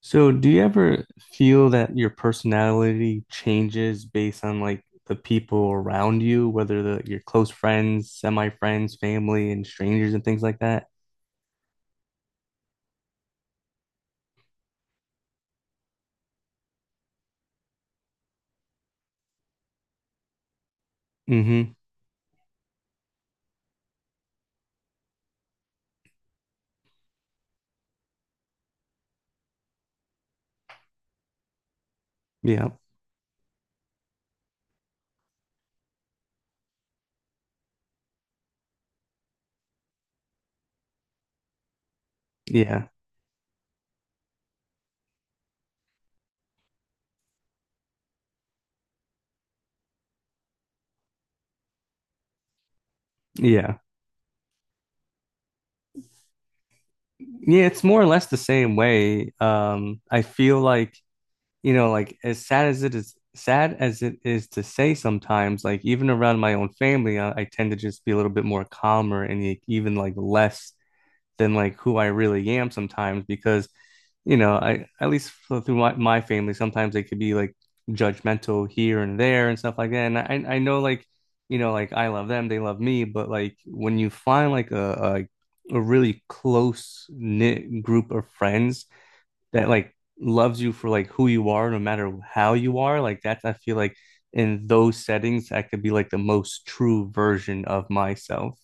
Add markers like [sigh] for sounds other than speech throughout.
So, do you ever feel that your personality changes based on like the people around you, whether the your close friends, semi-friends, family, and strangers and things like that? Mm-hmm. Yeah. Yeah. Yeah. Yeah, it's more or less the same way. I feel like, you know, like as sad as it is, sad as it is to say sometimes, like even around my own family, I tend to just be a little bit more calmer and like, even like less than like who I really am sometimes because you know I at least through my family sometimes they could be like judgmental here and there and stuff like that, and I know like you know like I love them, they love me, but like when you find like a a really close knit group of friends that like loves you for like who you are no matter how you are, like that's, I feel like in those settings I could be like the most true version of myself.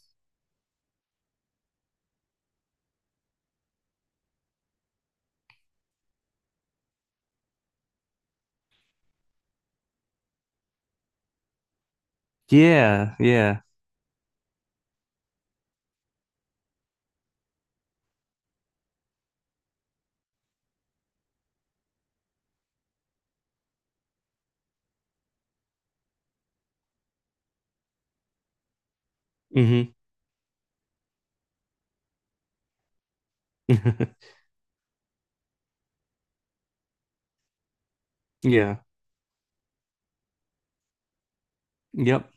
Yeah, yeah. Hmm. [laughs] Yeah. Yep.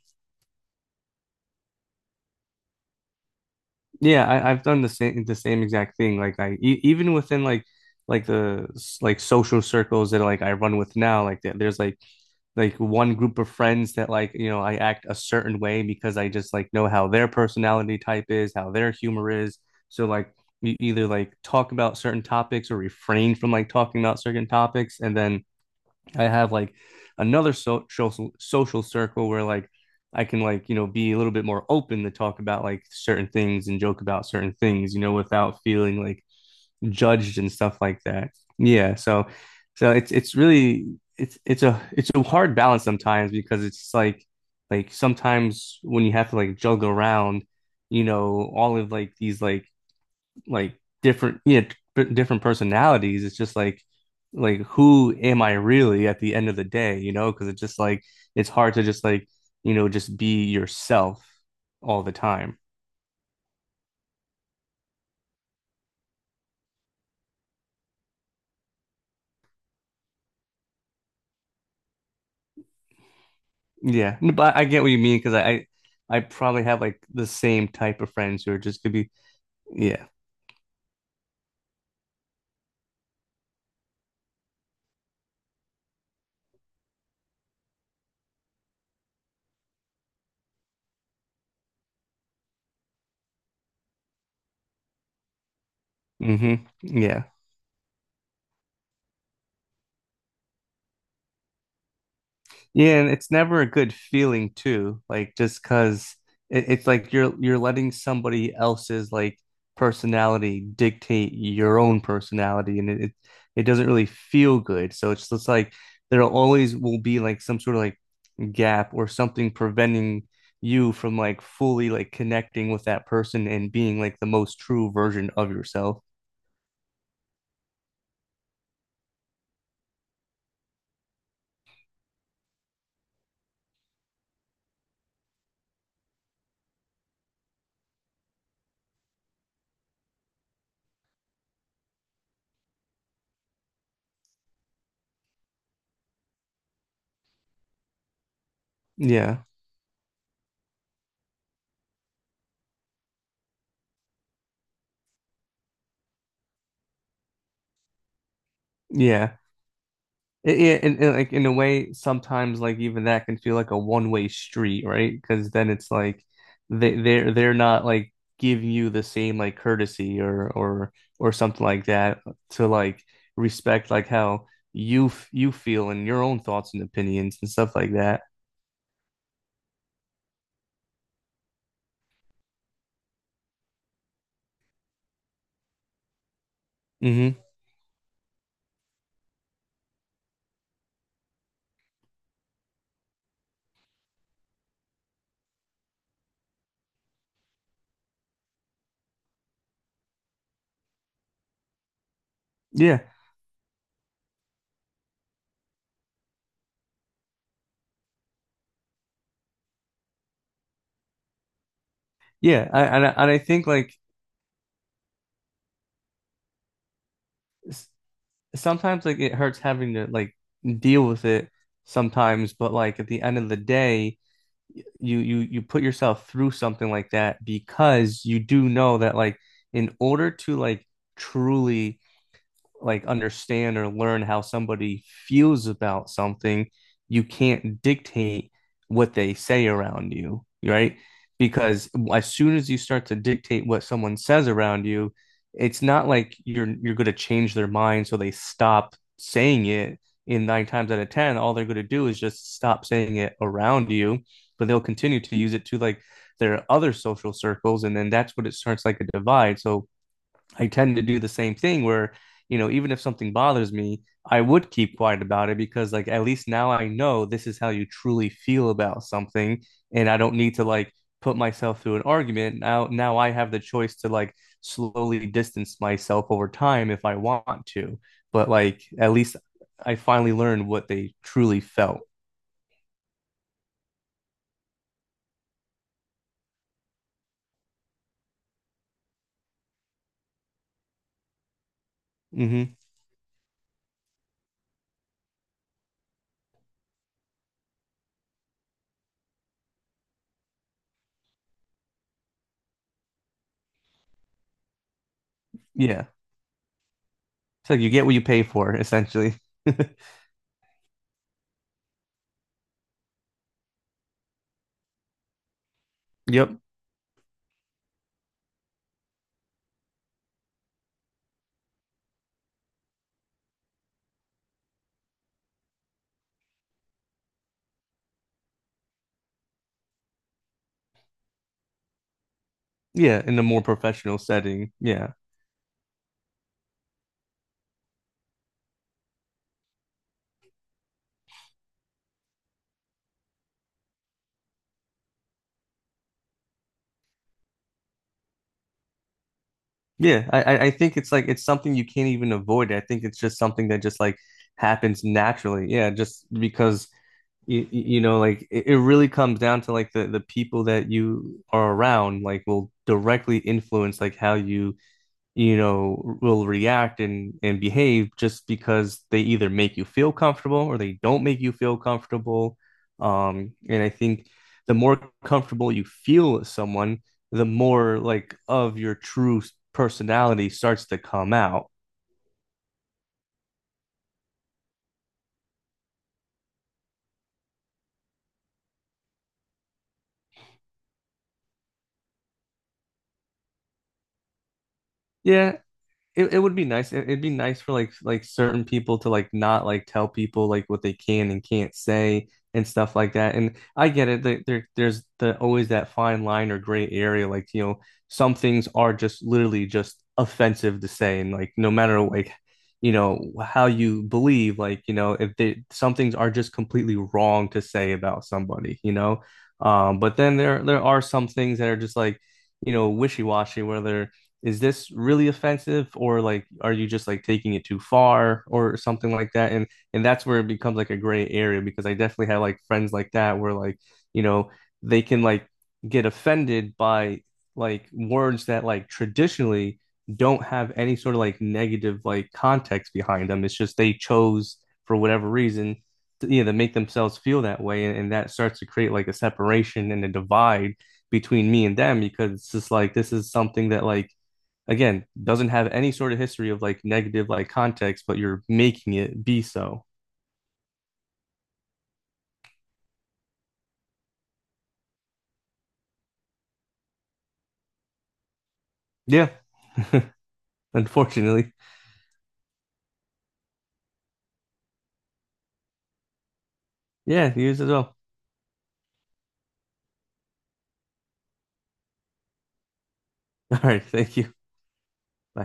Yeah, I've done the same exact thing. Like I e even within like the like social circles that like I run with now, like there's like one group of friends that like you know I act a certain way because I just like know how their personality type is, how their humor is. So like you either like talk about certain topics or refrain from like talking about certain topics, and then I have like another social circle where like I can like you know be a little bit more open to talk about like certain things and joke about certain things, you know, without feeling like judged and stuff like that. Yeah, so it's really it's a hard balance sometimes because it's like sometimes when you have to like juggle around, you know, all of like these like different, yeah, different personalities. It's just like who am I really at the end of the day, you know, because it's just like it's hard to just like you know just be yourself all the time. Yeah, but I get what you mean because I I probably have like the same type of friends who are just gonna be. Yeah. Hmm. Yeah. Yeah, and it's never a good feeling too. Like just 'cause it's like you're letting somebody else's like personality dictate your own personality, and it doesn't really feel good. So it's just like there always will be like some sort of like gap or something preventing you from like fully like connecting with that person and being like the most true version of yourself. Yeah. Yeah. Yeah, like in a way, sometimes like even that can feel like a one-way street, right? Because then it's like they're not like giving you the same like courtesy or or something like that to like respect like how you you feel and your own thoughts and opinions and stuff like that. Hmm. Yeah, yeah, and and I think like s- sometimes like it hurts having to like deal with it sometimes, but like at the end of the day you put yourself through something like that because you do know that like in order to like truly like understand or learn how somebody feels about something, you can't dictate what they say around you, right? Because as soon as you start to dictate what someone says around you, it's not like you're going to change their mind so they stop saying it. In nine times out of ten, all they're going to do is just stop saying it around you, but they'll continue to use it to like their other social circles, and then that's what it starts like a divide. So I tend to do the same thing where, you know, even if something bothers me, I would keep quiet about it because, like, at least now I know this is how you truly feel about something, and I don't need to like put myself through an argument. Now I have the choice to like slowly distance myself over time if I want to. But like, at least I finally learned what they truly felt. Hmm. Yeah. It's like you get what you pay for, essentially. [laughs] Yep. Yeah, in a more professional setting. Yeah. Yeah, I think it's like it's something you can't even avoid. I think it's just something that just like happens naturally. Yeah, just because you know like it really comes down to like the people that you are around like will directly influence like how you you know, will react and behave just because they either make you feel comfortable or they don't make you feel comfortable. And I think the more comfortable you feel with someone, the more like of your true personality starts to come out. Yeah, it would be nice. It'd be nice for like certain people to like not like tell people like what they can and can't say and stuff like that. And I get it. There's the always that fine line or gray area. Like, you know, some things are just literally just offensive to say. And like no matter like, you know, how you believe, like, you know, if they some things are just completely wrong to say about somebody, you know. But then there are some things that are just like, you know, wishy-washy where they're is this really offensive or like are you just like taking it too far or something like that, and that's where it becomes like a gray area because I definitely have like friends like that where like you know they can like get offended by like words that like traditionally don't have any sort of like negative like context behind them. It's just they chose for whatever reason to, you know, to make themselves feel that way, and that starts to create like a separation and a divide between me and them because it's just like this is something that like again doesn't have any sort of history of like negative like context, but you're making it be so. Yeah, [laughs] unfortunately. Yeah, news as well. All right, thank you. Bye.